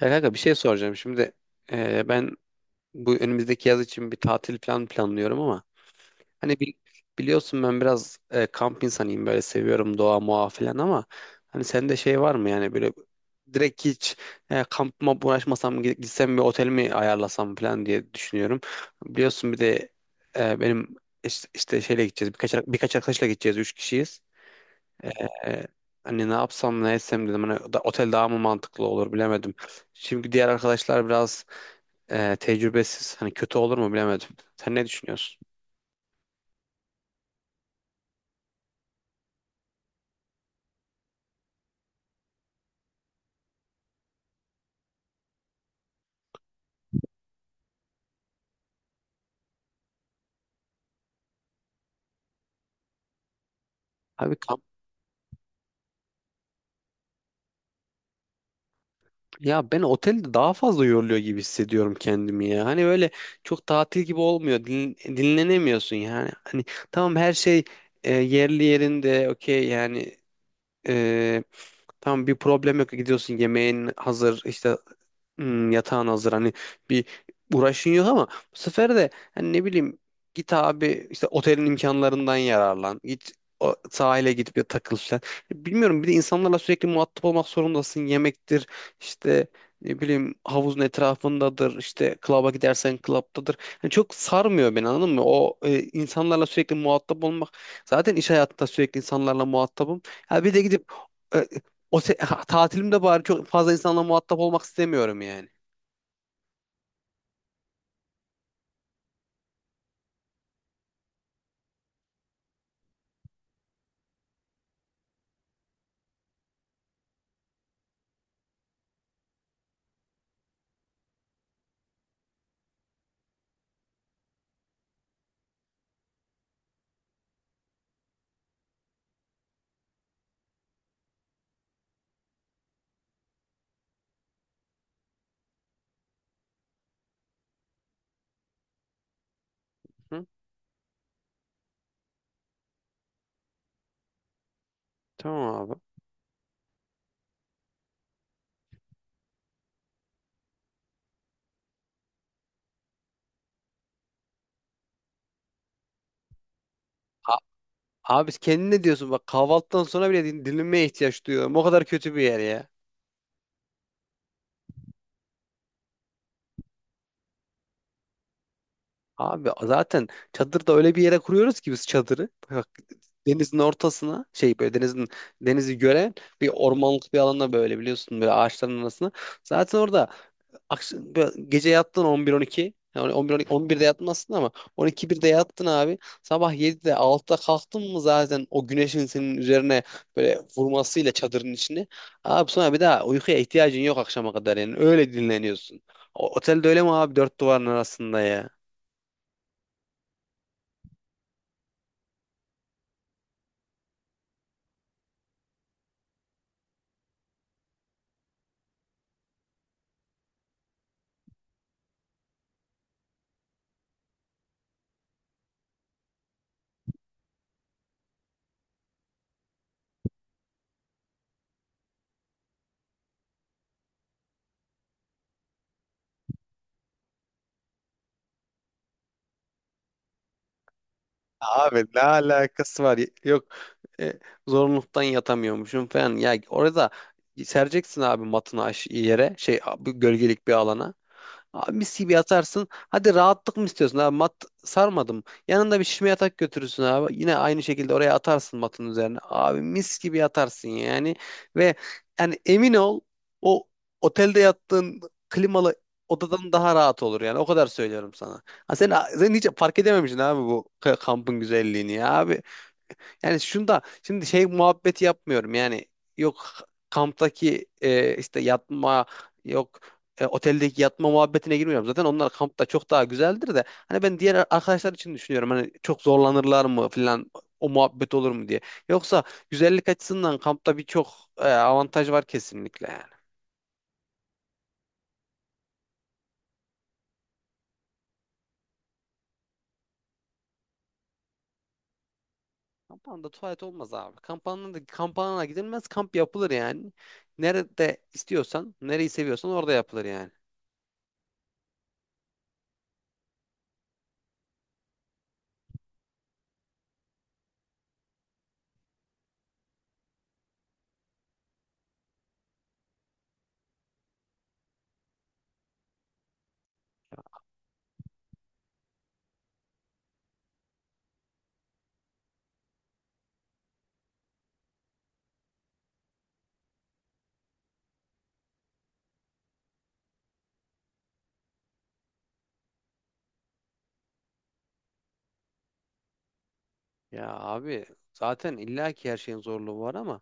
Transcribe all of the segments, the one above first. Ya kanka bir şey soracağım şimdi. Ben bu önümüzdeki yaz için bir tatil planlıyorum ama hani biliyorsun ben biraz kamp insanıyım, böyle seviyorum, doğa muğa falan ama hani sende şey var mı yani, böyle direkt hiç kampıma uğraşmasam gitsem bir otel mi ayarlasam falan diye düşünüyorum. Biliyorsun bir de benim işte, şeyle gideceğiz, birkaç arkadaşla gideceğiz, üç kişiyiz. Ee, hani ne yapsam ne etsem dedim. Hani da, otel daha mı mantıklı olur bilemedim. Şimdi diğer arkadaşlar biraz tecrübesiz. Hani kötü olur mu bilemedim. Sen ne düşünüyorsun? Abi kamp, ya ben otelde daha fazla yoruluyor gibi hissediyorum kendimi ya. Hani böyle çok tatil gibi olmuyor. Dinlenemiyorsun yani. Hani tamam, her şey yerli yerinde, okey yani, e, tamam bir problem yok, gidiyorsun yemeğin hazır işte, yatağın hazır, hani bir uğraşın yok, ama bu sefer de hani ne bileyim, git abi işte otelin imkanlarından yararlan, git o sahile gidip bir takıl falan, bilmiyorum. Bir de insanlarla sürekli muhatap olmak zorundasın, yemektir işte, ne bileyim havuzun etrafındadır, işte klaba gidersen klaptadır. Yani çok sarmıyor beni, anladın mı, o insanlarla sürekli muhatap olmak. Zaten iş hayatında sürekli insanlarla muhatabım, ha bir de gidip e, tatilimde bari çok fazla insanla muhatap olmak istemiyorum yani. Hı? Tamam abi. A- Abi kendin ne diyorsun? Bak kahvaltıdan sonra bile dinlenmeye ihtiyaç duyuyorum. O kadar kötü bir yer ya. Abi zaten çadırda öyle bir yere kuruyoruz ki biz çadırı. Bak, denizin ortasına, böyle denizi gören bir ormanlık bir alana, böyle biliyorsun, böyle ağaçların arasına. Zaten orada akşam, böyle gece yattın 11-12. Yani 11-12, 11'de yattın aslında ama 12 birde yattın abi. Sabah 7'de, 6'da kalktın mı zaten, o güneşin senin üzerine böyle vurmasıyla çadırın içine. Abi sonra bir daha uykuya ihtiyacın yok akşama kadar yani. Öyle dinleniyorsun. O, otelde öyle mi abi, dört duvarın arasında ya? Abi ne alakası var? Yok e, zorunluluktan yatamıyormuşum falan. Ya orada sereceksin abi matını, yere şey abi, gölgelik bir alana. Abi mis gibi yatarsın. Hadi rahatlık mı istiyorsun abi? Mat sarmadım. Yanında bir şişme yatak götürürsün abi. Yine aynı şekilde oraya atarsın matın üzerine. Abi mis gibi yatarsın yani. Ve yani emin ol, o otelde yattığın klimalı odadan daha rahat olur yani. O kadar söylüyorum sana. Ha sen, sen hiç fark edememişsin abi bu kampın güzelliğini ya abi. Yani şunda şimdi şey muhabbeti yapmıyorum yani, yok kamptaki işte yatma, yok oteldeki yatma muhabbetine girmiyorum. Zaten onlar kampta çok daha güzeldir de, hani ben diğer arkadaşlar için düşünüyorum, hani çok zorlanırlar mı filan, o muhabbet olur mu diye. Yoksa güzellik açısından kampta birçok avantaj var kesinlikle yani. Kampanda tuvalet olmaz abi. Kampanda da, kampana gidilmez, kamp yapılır yani. Nerede istiyorsan, nereyi seviyorsan orada yapılır yani. Ya abi zaten illaki her şeyin zorluğu var, ama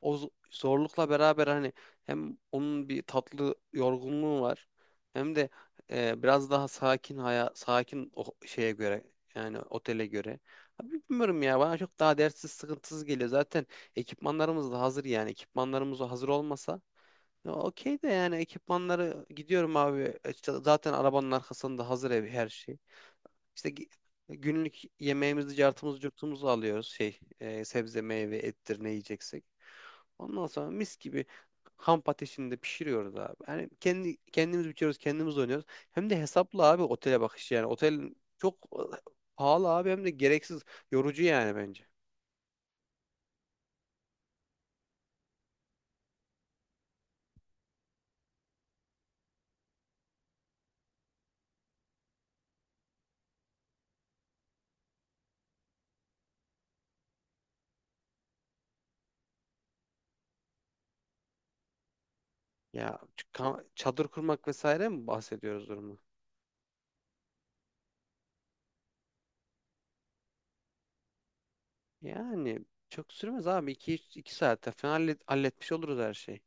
o zorlukla beraber hani, hem onun bir tatlı yorgunluğu var, hem de biraz daha sakin haya, sakin o şeye göre, yani otele göre. Abi bilmiyorum ya, bana çok daha dertsiz sıkıntısız geliyor. Zaten ekipmanlarımız da hazır yani, ekipmanlarımız hazır olmasa, ya okey de yani, ekipmanları gidiyorum abi. İşte zaten arabanın arkasında hazır ev, her şey. İşte günlük yemeğimizi, cartımızı, curtumuzu alıyoruz. Şey, sebze, meyve, ettir, ne yiyeceksek. Ondan sonra mis gibi kamp ateşinde pişiriyoruz abi. Yani kendi kendimiz biçiyoruz, kendimiz oynuyoruz. Hem de hesaplı abi, otele bakış yani. Otel çok pahalı abi, hem de gereksiz yorucu yani, bence. Ya çadır kurmak vesaire mi bahsediyoruz durumu? Yani çok sürmez abi. İki 2 saatte falan halletmiş oluruz her şeyi.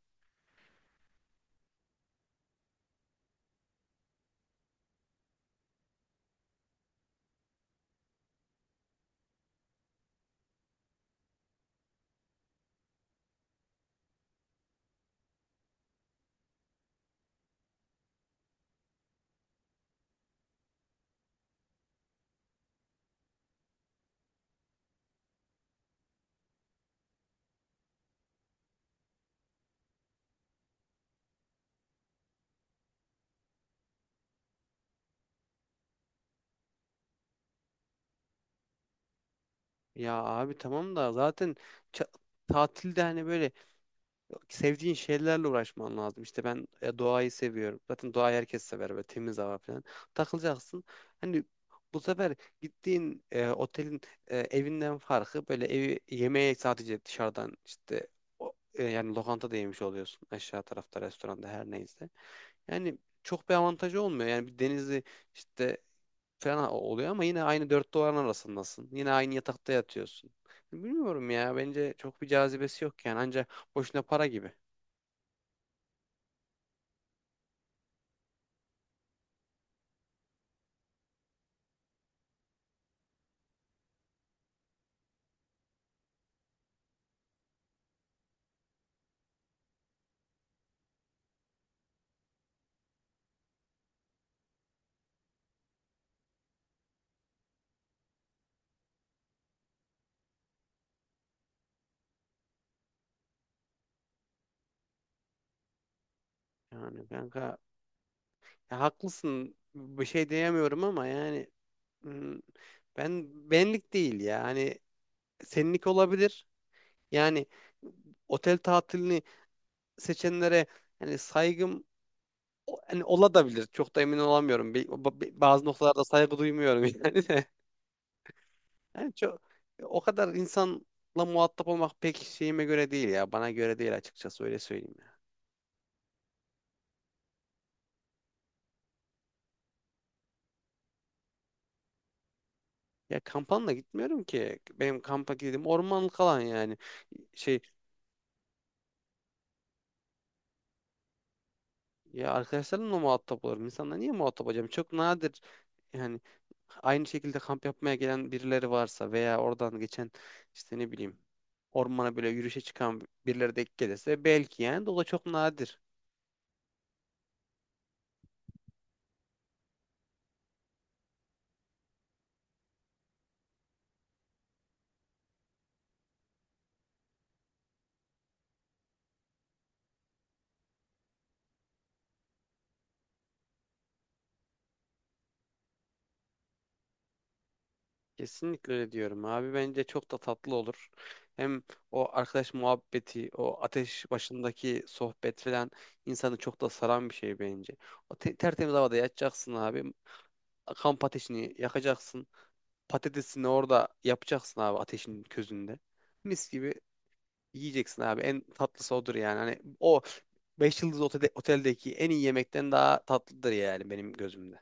Ya abi tamam da, zaten ça- tatilde hani böyle sevdiğin şeylerle uğraşman lazım. İşte ben doğayı seviyorum. Zaten doğayı herkes sever, böyle temiz hava falan. Takılacaksın. Hani bu sefer gittiğin otelin evinden farkı, böyle evi yemeğe sadece dışarıdan işte yani lokantada yemiş oluyorsun. Aşağı tarafta restoranda, her neyse. Yani çok bir avantajı olmuyor. Yani bir denizi işte falan oluyor ama yine aynı 4 duvarın arasındasın. Yine aynı yatakta yatıyorsun. Bilmiyorum ya, bence çok bir cazibesi yok yani, ancak boşuna para gibi. Yani kanka, ya haklısın, bir şey diyemiyorum ama yani, hmm, ben, benlik değil ya. Hani senlik olabilir. Yani otel tatilini seçenlere yani saygım, hani olabilir. Çok da emin olamıyorum. Bazı noktalarda saygı duymuyorum yani. Yani çok, o kadar insanla muhatap olmak pek şeyime göre değil ya. Bana göre değil açıkçası, öyle söyleyeyim ya. Ya kampanla gitmiyorum ki. Benim kampa gittiğim ormanlık alan yani. Şey ya arkadaşlarımla muhatap olurum. İnsanla niye muhatap olacağım? Çok nadir yani, aynı şekilde kamp yapmaya gelen birileri varsa, veya oradan geçen, işte ne bileyim, ormana böyle yürüyüşe çıkan birileri de gelirse belki yani, de o da çok nadir. Kesinlikle öyle diyorum abi. Bence çok da tatlı olur. Hem o arkadaş muhabbeti, o ateş başındaki sohbet falan, insanı çok da saran bir şey bence. O tertemiz havada yatacaksın abi. Kamp ateşini yakacaksın. Patatesini orada yapacaksın abi, ateşin közünde. Mis gibi yiyeceksin abi. En tatlısı odur yani. Hani o 5 yıldız otelde, oteldeki en iyi yemekten daha tatlıdır yani, benim gözümde.